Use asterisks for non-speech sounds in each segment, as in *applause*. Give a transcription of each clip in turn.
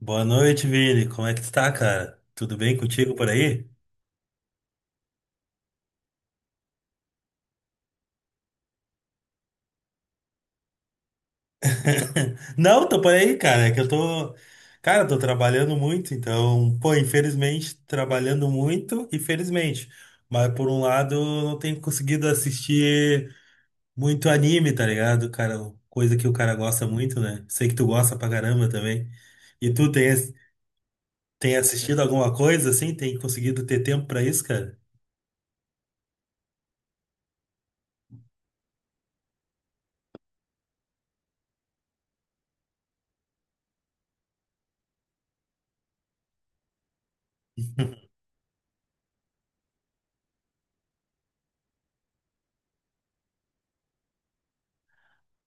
Boa noite, Vini. Como é que tu tá, cara? Tudo bem contigo por aí? *laughs* Não, tô por aí, cara. É que eu tô. Cara, tô trabalhando muito, então, pô, infelizmente, trabalhando muito, infelizmente. Mas por um lado, eu não tenho conseguido assistir muito anime, tá ligado? Cara, coisa que o cara gosta muito, né? Sei que tu gosta pra caramba também. E tu tem assistido alguma coisa assim? Tem conseguido ter tempo pra isso, cara?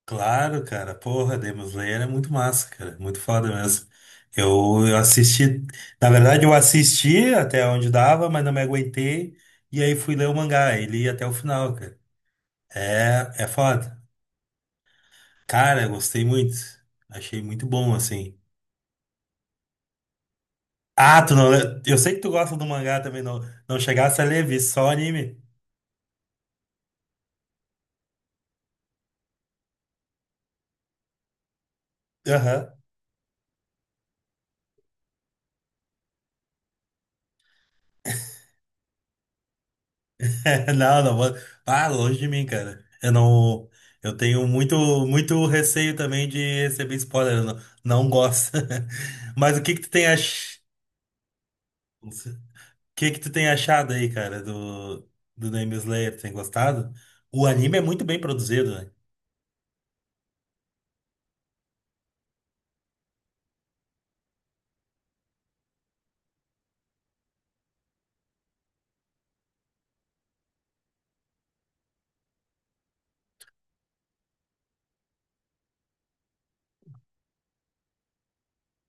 Claro, cara. Porra, Demon Slayer é muito massa, cara. Muito foda mesmo. Eu assisti. Na verdade, eu assisti até onde dava, mas não me aguentei. E aí fui ler o mangá. E li até o final, cara. É, é foda. Cara, eu gostei muito. Achei muito bom, assim. Ah, tu não. Eu sei que tu gosta do mangá também. Não, não chegasse a ler, vi só anime. Aham. *laughs* Não, não, ah, longe de mim, cara. Eu não, eu tenho muito, muito receio também de receber spoiler. Eu Não, não gosto. *laughs* Mas o que que tu tem achado aí, cara, do Demon Slayer? Tem gostado? O anime é muito bem produzido, né?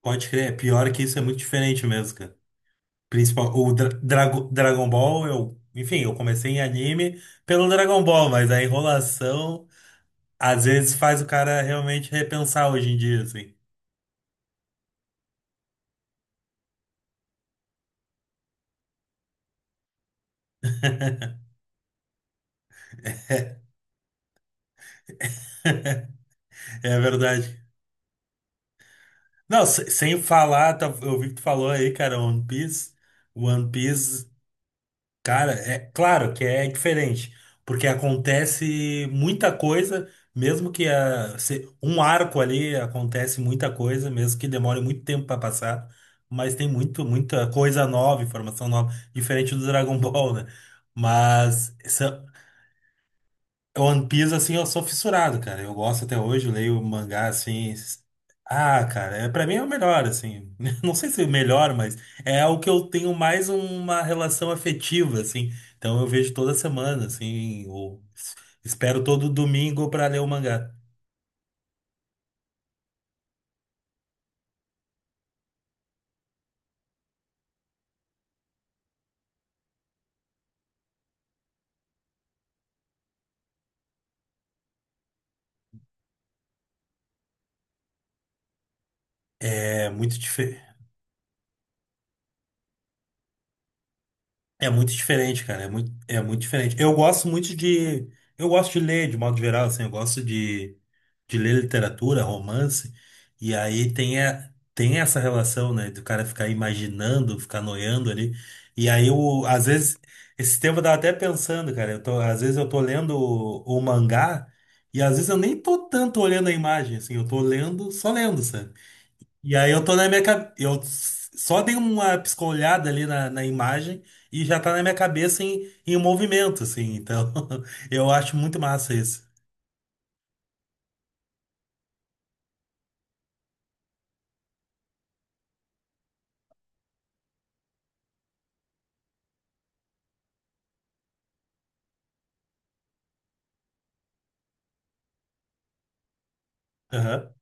Pode crer. É pior que isso é muito diferente mesmo, cara. Principal, o Dragon Ball, enfim, eu comecei em anime pelo Dragon Ball, mas a enrolação às vezes faz o cara realmente repensar hoje em dia, assim. *laughs* É verdade. Não, sem falar, eu vi que tu falou aí, cara, One Piece. One Piece, cara, é claro que é diferente, porque acontece muita coisa, mesmo que a, se- um arco ali acontece muita coisa, mesmo que demore muito tempo pra passar, mas tem muito, muita coisa nova, informação nova, diferente do Dragon *laughs* Ball, né? Mas One Piece, assim, eu sou fissurado, cara. Eu gosto até hoje, leio mangá, assim. Ah, cara, é, pra mim é o melhor, assim. *laughs* Não sei se é o melhor, mas é o que eu tenho mais uma relação afetiva, assim. Então eu vejo toda semana, assim, ou espero todo domingo pra ler o mangá. É muito diferente. É muito diferente, cara. É muito diferente. Eu gosto muito de. Eu gosto de ler, de modo geral, assim. Eu gosto de ler literatura, romance. E aí tem, a, tem essa relação, né? Do cara ficar imaginando, ficar noiando ali. E aí, eu, às vezes, esse tempo eu tava até pensando, cara. Eu tô, às vezes eu tô lendo o mangá. E às vezes eu nem tô tanto olhando a imagem, assim. Eu tô lendo, só lendo, sabe? E aí eu tô na minha cabeça. Eu só dei uma piscolhada ali na imagem e já tá na minha cabeça em movimento, assim. Então, *laughs* eu acho muito massa isso. Aham.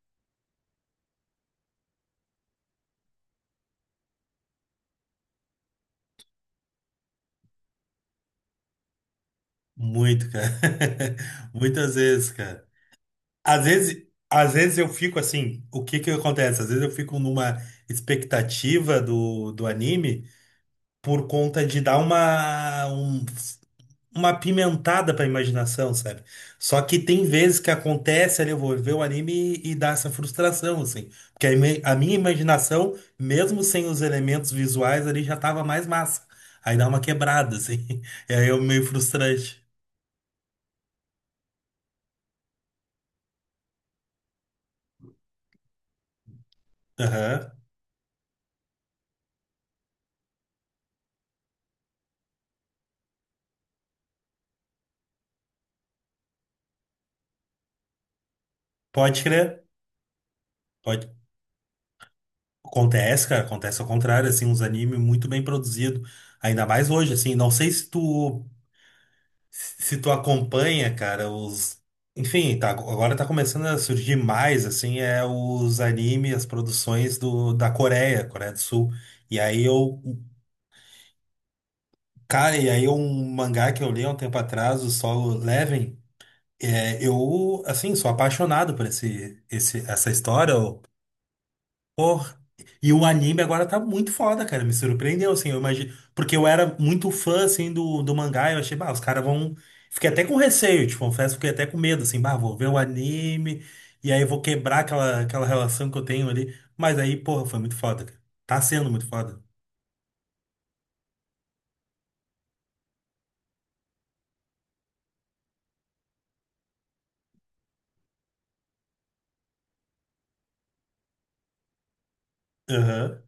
Muito, cara. *laughs* Muitas vezes, cara. Às vezes eu fico assim, o que que acontece? Às vezes eu fico numa expectativa do anime por conta de dar uma pimentada pra imaginação, sabe? Só que tem vezes que acontece ali, eu vou ver o anime e dá essa frustração, assim. Porque a minha imaginação, mesmo sem os elementos visuais ali, já tava mais massa. Aí dá uma quebrada, assim. *laughs* E aí é meio frustrante. Aham. Pode crer. Pode. Acontece, cara. Acontece ao contrário, assim, uns animes muito bem produzidos. Ainda mais hoje, assim. Não sei se tu acompanha, cara, os. Enfim, tá, agora tá começando a surgir mais, assim, é os animes, as produções da Coreia do Sul. E aí eu. Cara, e aí um mangá que eu li há um tempo atrás, o Solo Leveling, é, eu, assim, sou apaixonado por essa história. Porra. E o anime agora tá muito foda, cara. Me surpreendeu, assim, eu imagino. Porque eu era muito fã, assim, do mangá. Eu achei, bah, os caras vão. Fiquei até com receio, te confesso, fiquei até com medo, assim, bah, vou ver o anime. E aí vou quebrar aquela relação que eu tenho ali. Mas aí, porra, foi muito foda, cara. Tá sendo muito foda. Aham.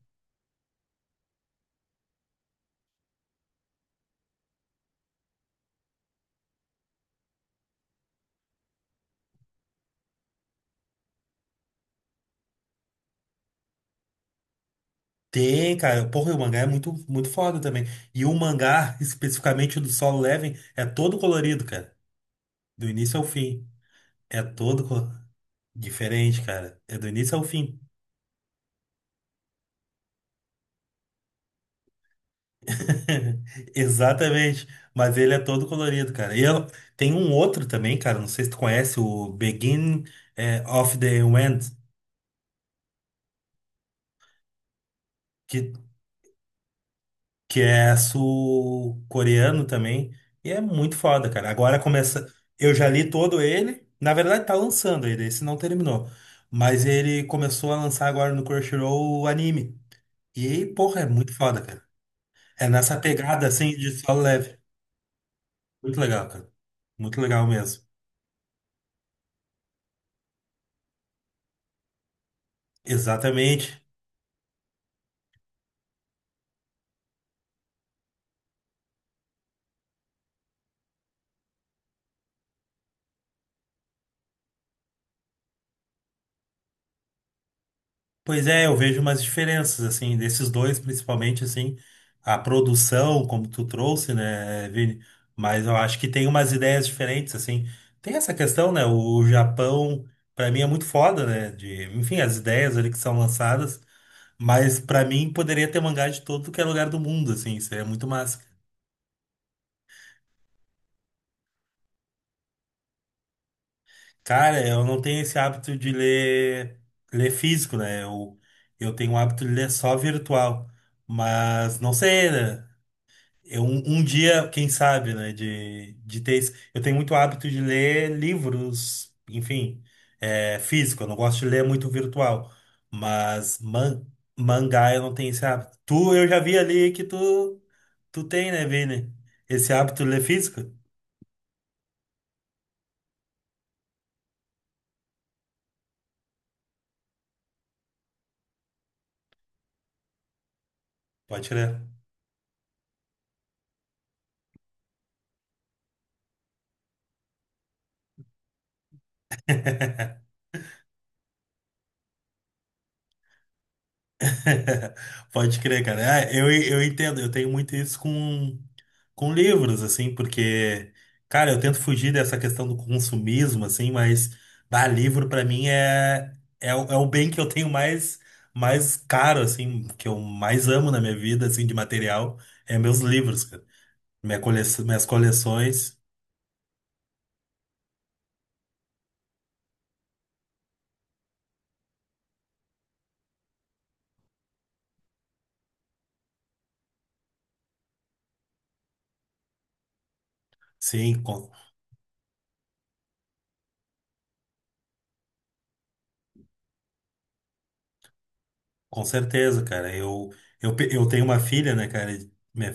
Tem, cara. Porra, e o mangá é muito, muito foda também. E o mangá, *laughs* especificamente o do Solo Leveling, é todo colorido, cara. Do início ao fim. É todo colorido. Diferente, cara. É do início ao fim. *laughs* Exatamente. Mas ele é todo colorido, cara. E eu, tem um outro também, cara. Não sei se tu conhece, o Begin of the End, que, que é sul-coreano também. E é muito foda, cara. Agora começa. Eu já li todo ele. Na verdade, tá lançando ele, esse não terminou. Mas ele começou a lançar agora no Crunchyroll o anime. E, porra, é muito foda, cara. É nessa pegada assim de solo leve. Muito legal, cara. Muito legal mesmo. Exatamente. Pois é, eu vejo umas diferenças, assim, desses dois, principalmente, assim, a produção, como tu trouxe, né, Vini? Mas eu acho que tem umas ideias diferentes, assim. Tem essa questão, né, o Japão, pra mim, é muito foda, né, de, enfim, as ideias ali que são lançadas, mas pra mim poderia ter mangá de todo que é lugar do mundo, assim, seria muito massa. Cara, eu não tenho esse hábito de ler, físico, né, eu tenho o hábito de ler só virtual, mas não sei, né? Eu, um dia, quem sabe, né, de ter. Eu tenho muito hábito de ler livros, enfim, é, físico. Eu não gosto de ler muito virtual. Mas mangá eu não tenho esse hábito. Eu já vi ali que tu tem, né, Vini? Esse hábito de ler físico? Pode ler. *laughs* Pode crer, cara. Ah, eu entendo, eu tenho muito isso com livros, assim, porque, cara, eu tento fugir dessa questão do consumismo, assim, mas, bah, livro pra mim é o bem que eu tenho mais caro, assim, que eu mais amo na minha vida, assim, de material, é meus livros, cara. Minha coleção, minhas coleções, sim, com certeza, cara. Eu tenho uma filha, né, cara? Minha,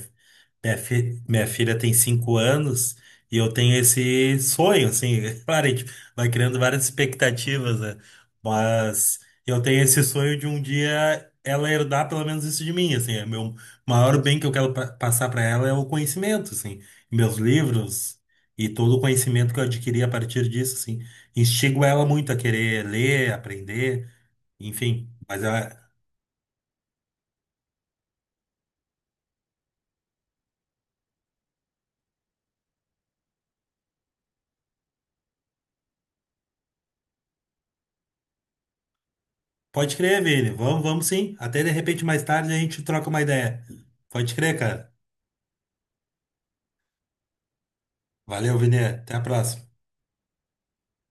minha filha tem 5 anos e eu tenho esse sonho, assim. *laughs* Claro, a gente vai criando várias expectativas, né? Mas eu tenho esse sonho de um dia ela herdar pelo menos isso de mim, assim. É meu maior bem que eu quero passar para ela é o conhecimento, assim. Meus livros e todo o conhecimento que eu adquiri a partir disso, assim. Instigo ela muito a querer ler, aprender, enfim. Mas ela. Pode crer, Vini. Vamos, vamos sim. Até de repente mais tarde a gente troca uma ideia. Pode crer, cara. Valeu, Vini. Até a próxima.